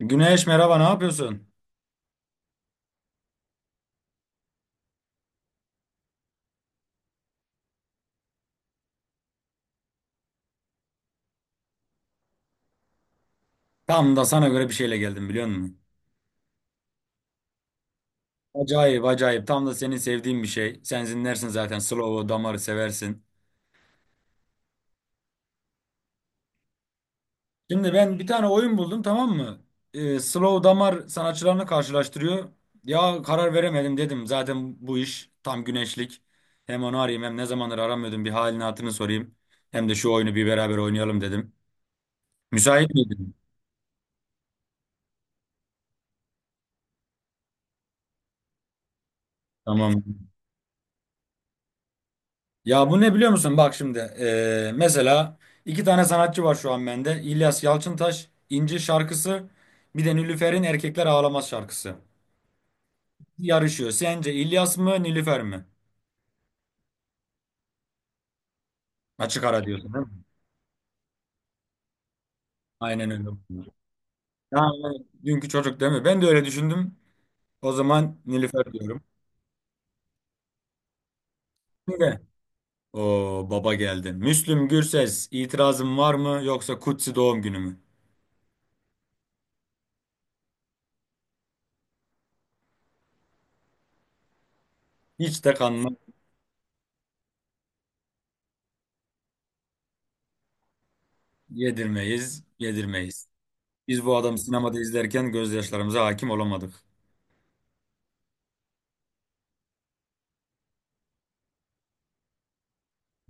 Güneş, merhaba, ne yapıyorsun? Tam da sana göre bir şeyle geldim, biliyor musun? Acayip acayip, tam da senin sevdiğin bir şey. Sen zinlersin zaten, Slow Damar'ı seversin. Şimdi ben bir tane oyun buldum, tamam mı? Slow Damar sanatçılarını karşılaştırıyor. Ya karar veremedim dedim, zaten bu iş tam güneşlik. Hem onu arayayım, hem ne zamandır aramıyordum, bir halini hatırını sorayım. Hem de şu oyunu bir beraber oynayalım dedim. Müsait miydin? Tamam. Ya bu ne biliyor musun? Bak şimdi mesela iki tane sanatçı var şu an bende. İlyas Yalçıntaş, İnci şarkısı, bir de Nilüfer'in Erkekler Ağlamaz şarkısı. Yarışıyor. Sence İlyas mı Nilüfer mi? Açık ara diyorsun, değil mi? Aynen öyle. Yani dünkü çocuk değil mi? Ben de öyle düşündüm. O zaman Nilüfer diyorum. Şimdi o baba geldi. Müslüm Gürses itirazın var mı, yoksa kutsi doğum günü mü? Hiç de kanına yedirmeyiz, yedirmeyiz. Biz bu adamı sinemada izlerken gözyaşlarımıza hakim olamadık.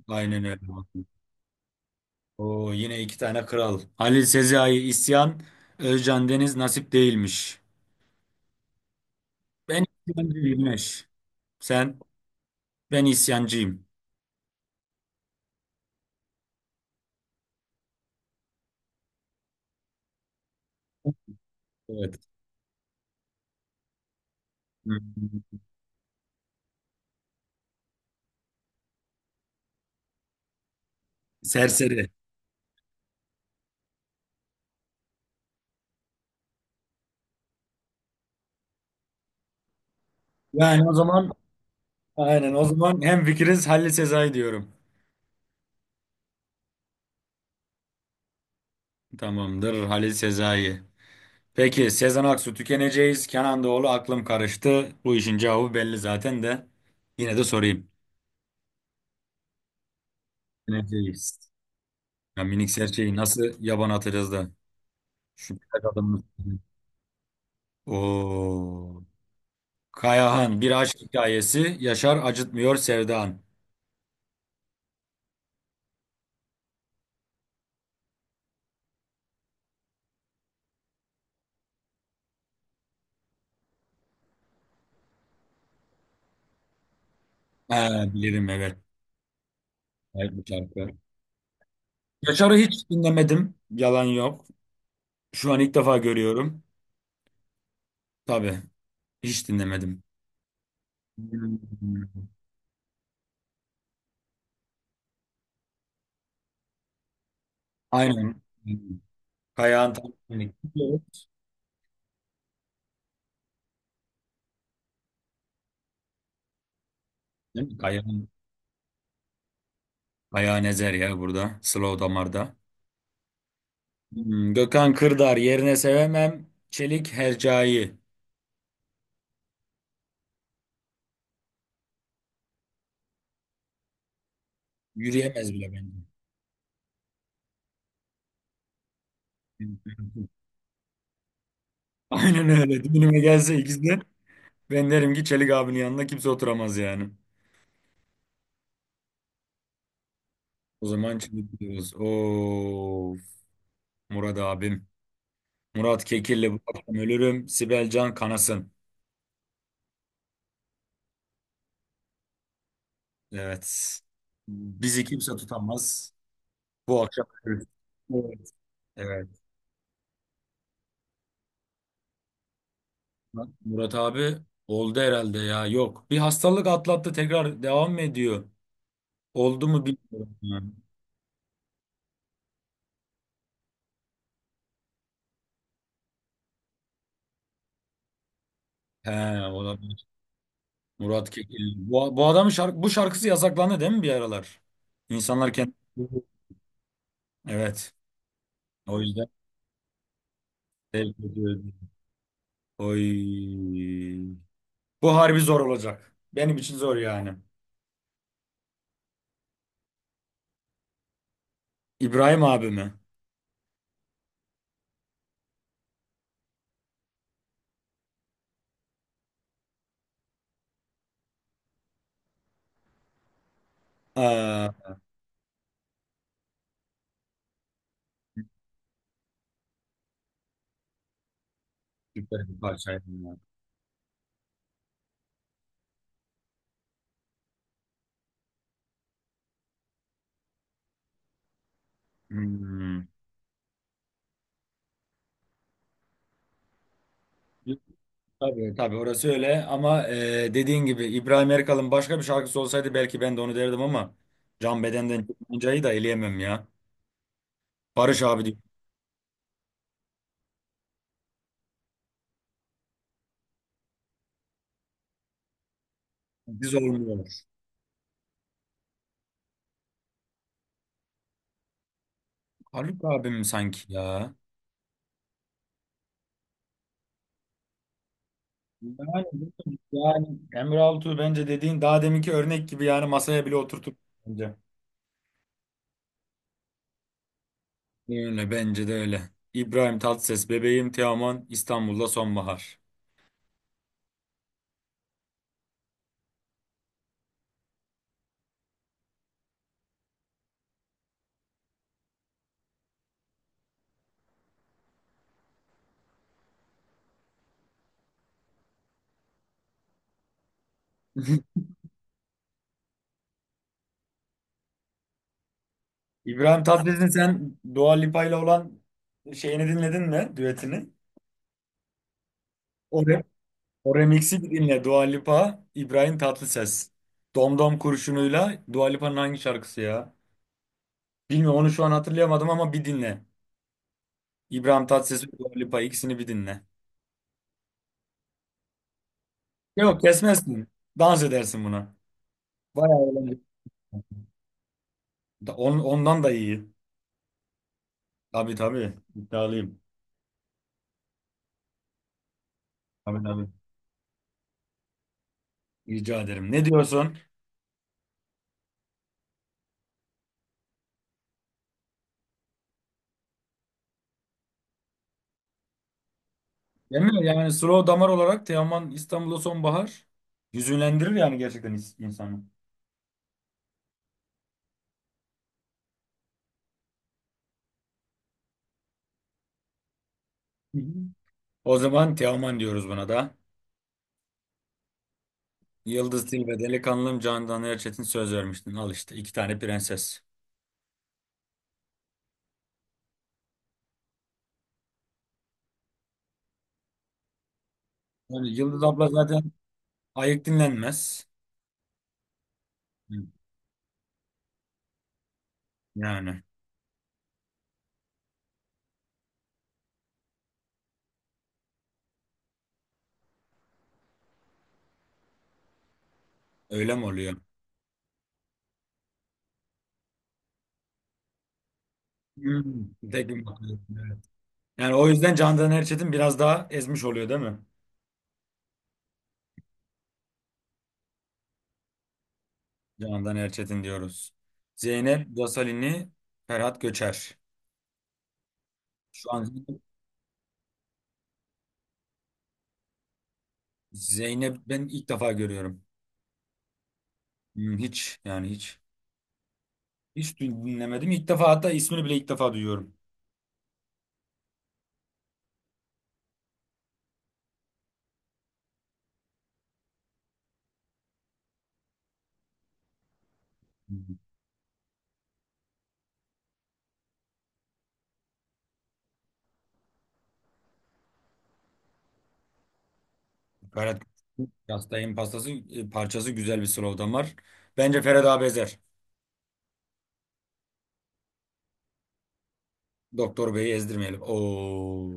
Aynen öyle. Oo, yine iki tane kral. Halil Sezai isyan. Özcan Deniz nasip değilmiş. Ben isyancıyım Güneş. Sen, ben isyancıyım. Evet. Hmm, serseri. Yani o zaman, aynen o zaman hem fikiriz, Halil Sezai diyorum. Tamamdır, Halil Sezai. Peki Sezen Aksu tükeneceğiz. Kenan Doğulu aklım karıştı. Bu işin cevabı belli zaten de. Yine de sorayım. Tükeneceğiz. Ya minik serçeyi nasıl yaban atacağız da şu birkaç adımını. Oo. Kayahan bir aşk hikayesi. Yaşar acıtmıyor Sevda'an. Ha, bilirim, evet. Evet, bu şarkı. Yaşar'ı hiç dinlemedim. Yalan yok. Şu an ilk defa görüyorum. Tabii. Hiç dinlemedim. Hmm. Aynen. Hmm. Kayahan tam benlik. Değil mi? Kayahan. Kayahan ezer ya burada. Slow damarda. Hmm. Gökhan Kırdar yerine sevemem. Çelik Hercai. Yürüyemez bile bence. Aynen öyle. Düğünüme gelse ikizler, ben derim ki Çelik abinin yanında kimse oturamaz yani. O zaman Çelik diyoruz. Of, Murat abim. Murat Kekilli bu akşam ölürüm. Sibel Can kanasın. Evet. Bizi kimse tutamaz. Bu akşam ölürüz. Evet. Evet. Bak, Murat abi oldu herhalde ya. Yok. Bir hastalık atlattı, tekrar devam mı ediyor? Oldu mu bilmiyorum yani. He, olabilir. Murat Kekil. Bu adamın şarkı, bu şarkısı yasaklandı değil mi bir aralar? İnsanlar kendi... Evet. O yüzden sevk ediyorum. Oy. Bu harbi zor olacak. Benim için zor yani. İbrahim abi mi? Aa, süper bir parçaydı ya. Hmm. Tabii tabii orası öyle, ama dediğin gibi İbrahim Erkal'ın başka bir şarkısı olsaydı belki ben de onu derdim, ama Can Beden'den çıkmancayı da eleyemem ya. Barış abi diyor. Biz olmuyor. Haluk abim sanki ya. Yani, yani Emre Altuğ bence dediğin daha deminki örnek gibi, yani masaya bile oturtup bence. Öyle, bence de öyle. İbrahim Tatlıses, bebeğim Teoman, İstanbul'da sonbahar. İbrahim Tatlıses'in sen Dua Lipa ile olan şeyini dinledin mi? Düetini. O, re- O remix'i bir dinle. Dua Lipa, İbrahim Tatlıses. Domdom kurşunuyla Dua Lipa'nın hangi şarkısı ya? Bilmiyorum, onu şu an hatırlayamadım, ama bir dinle. İbrahim Tatlıses ve Dua Lipa, ikisini bir dinle. Yok, kesmezsin. Dans edersin buna. Bayağı eğlenceli. On, ondan da iyi. Tabii tabii. İddialıyım. Tabii tabii. Rica ederim. Ne diyorsun? Değil mi? Yani slow damar olarak Teoman İstanbul'da sonbahar hüzünlendirir, yani gerçekten insanı. Hı hı. O zaman Teoman diyoruz buna da. Yıldız Tilbe, Delikanlım, Candan Erçetin söz vermiştin. Al işte iki tane prenses. Yani Yıldız abla zaten ayık dinlenmez. Hı. Yani öyle mi oluyor? Hmm. Tek bir bakıyor. Yani o yüzden Candan Erçetin biraz daha ezmiş oluyor değil mi? Candan Erçetin diyoruz. Zeynep Gasalini, Ferhat Göçer. Şu an Zeynep ben ilk defa görüyorum. Hmm, hiç yani hiç. Hiç dinlemedim. İlk defa, hatta ismini bile ilk defa duyuyorum. Hmm. Ferhat Yastayın pastası, parçası güzel bir slogan var. Bence Ferhat abi ezer. Doktor Bey'i ezdirmeyelim. Oo.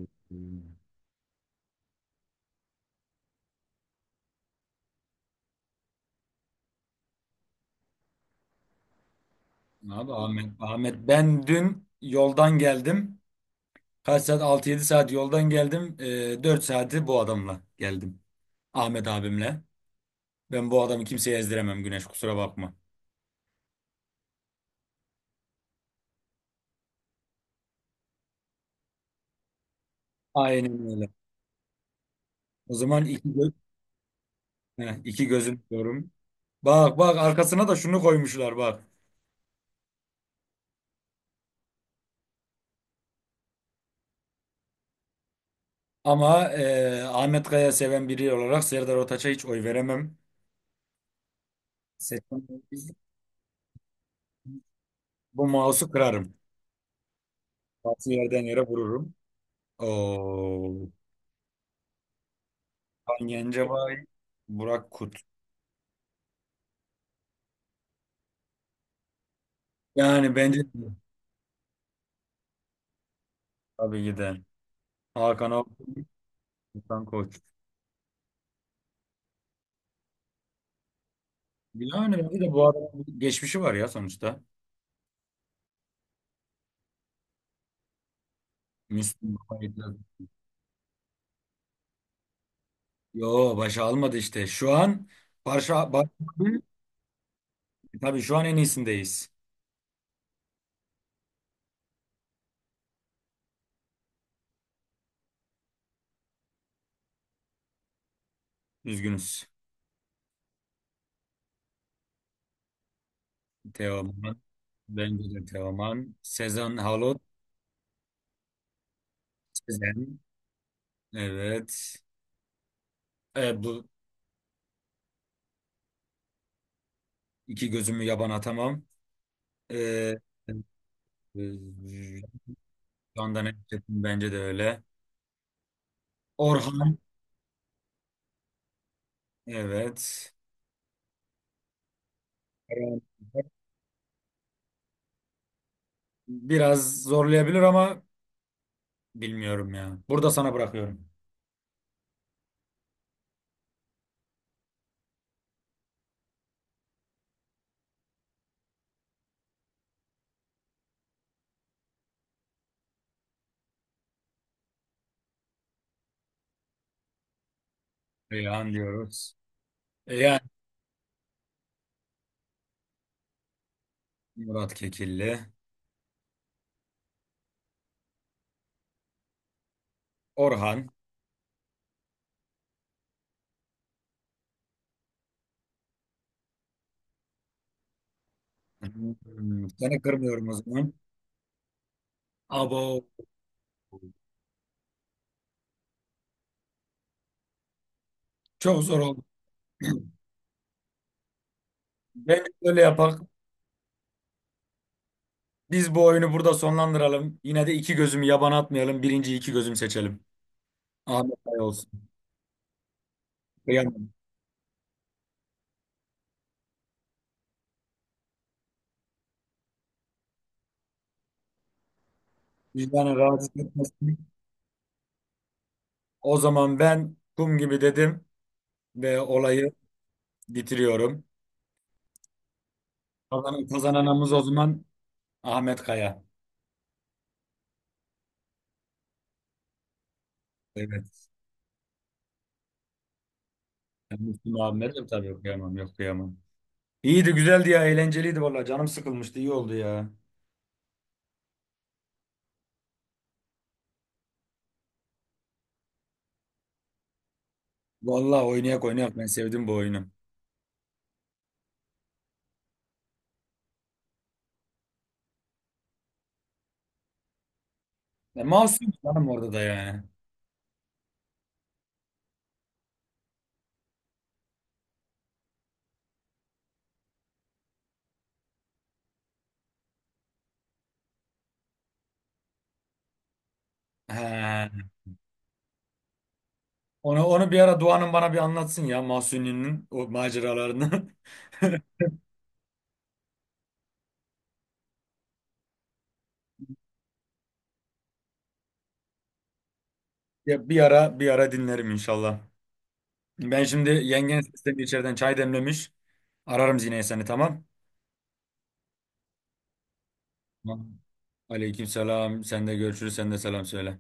Abi Ahmet, ben dün yoldan geldim. Kaç saat? 6, 7 saat yoldan geldim. 4 saati bu adamla geldim. Ahmet abimle. Ben bu adamı kimseye ezdiremem Güneş, kusura bakma. Aynen öyle. O zaman iki, gö heh, iki gözüm diyorum. Bak bak, arkasına da şunu koymuşlar bak. Ama Ahmet Kaya seven biri olarak Serdar Ortaç'a hiç oy veremem. Seçmen olabilir. Bu mouse'u kırarım. Bazı yerden yere vururum. Oo. Hakan Gencebay, Burak Kut. Yani bence tabii ki de. Hakan Altun. Hakan Koç. Yani bence de bu adamın geçmişi var ya sonuçta. Müslüm Baba'ydı. Yo, başa almadı işte. Şu an başa, baş, tabii şu an en iyisindeyiz. Üzgünüz. Teoman. Bence de Teoman. Sezen Halot. Sezen. Evet. E, bu iki gözümü yaban atamam. E, e, Candan Erçetin bence de öyle. Orhan. Evet. Orhan biraz zorlayabilir ama bilmiyorum ya. Burada sana bırakıyorum. Reyhan diyoruz. Yani Murat Kekilli. Orhan. Hmm, seni kırmıyorum o zaman. Abo. Çok zor oldu. Ben öyle yapak. Biz bu oyunu burada sonlandıralım. Yine de iki gözümü yabana atmayalım. Birinci iki gözüm seçelim. Ahmet Bey olsun. Kıyamam. Vicdanı rahatsız etmesin. O zaman ben kum gibi dedim ve olayı bitiriyorum. Kazanan, kazananımız o zaman Ahmet Kaya. Evet. Ben Müslüm abime de tabii okuyamam. Yok, kıyamam. İyiydi, güzeldi ya, eğlenceliydi valla. Canım sıkılmıştı, iyi oldu ya. Valla oynayak oynayak, ben sevdim bu oyunu. E, Mahsun canım orada da yani. He. Onu bir ara Doğan'ın bana bir anlatsın ya, Mahsuni'nin o maceralarını. Ya bir ara dinlerim inşallah. Ben şimdi yengen sistemi içeriden çay demlemiş. Ararım Zine'yi, seni, tamam. Tamam. Aleyküm selam. Sen de görüşürüz. Sen de selam söyle.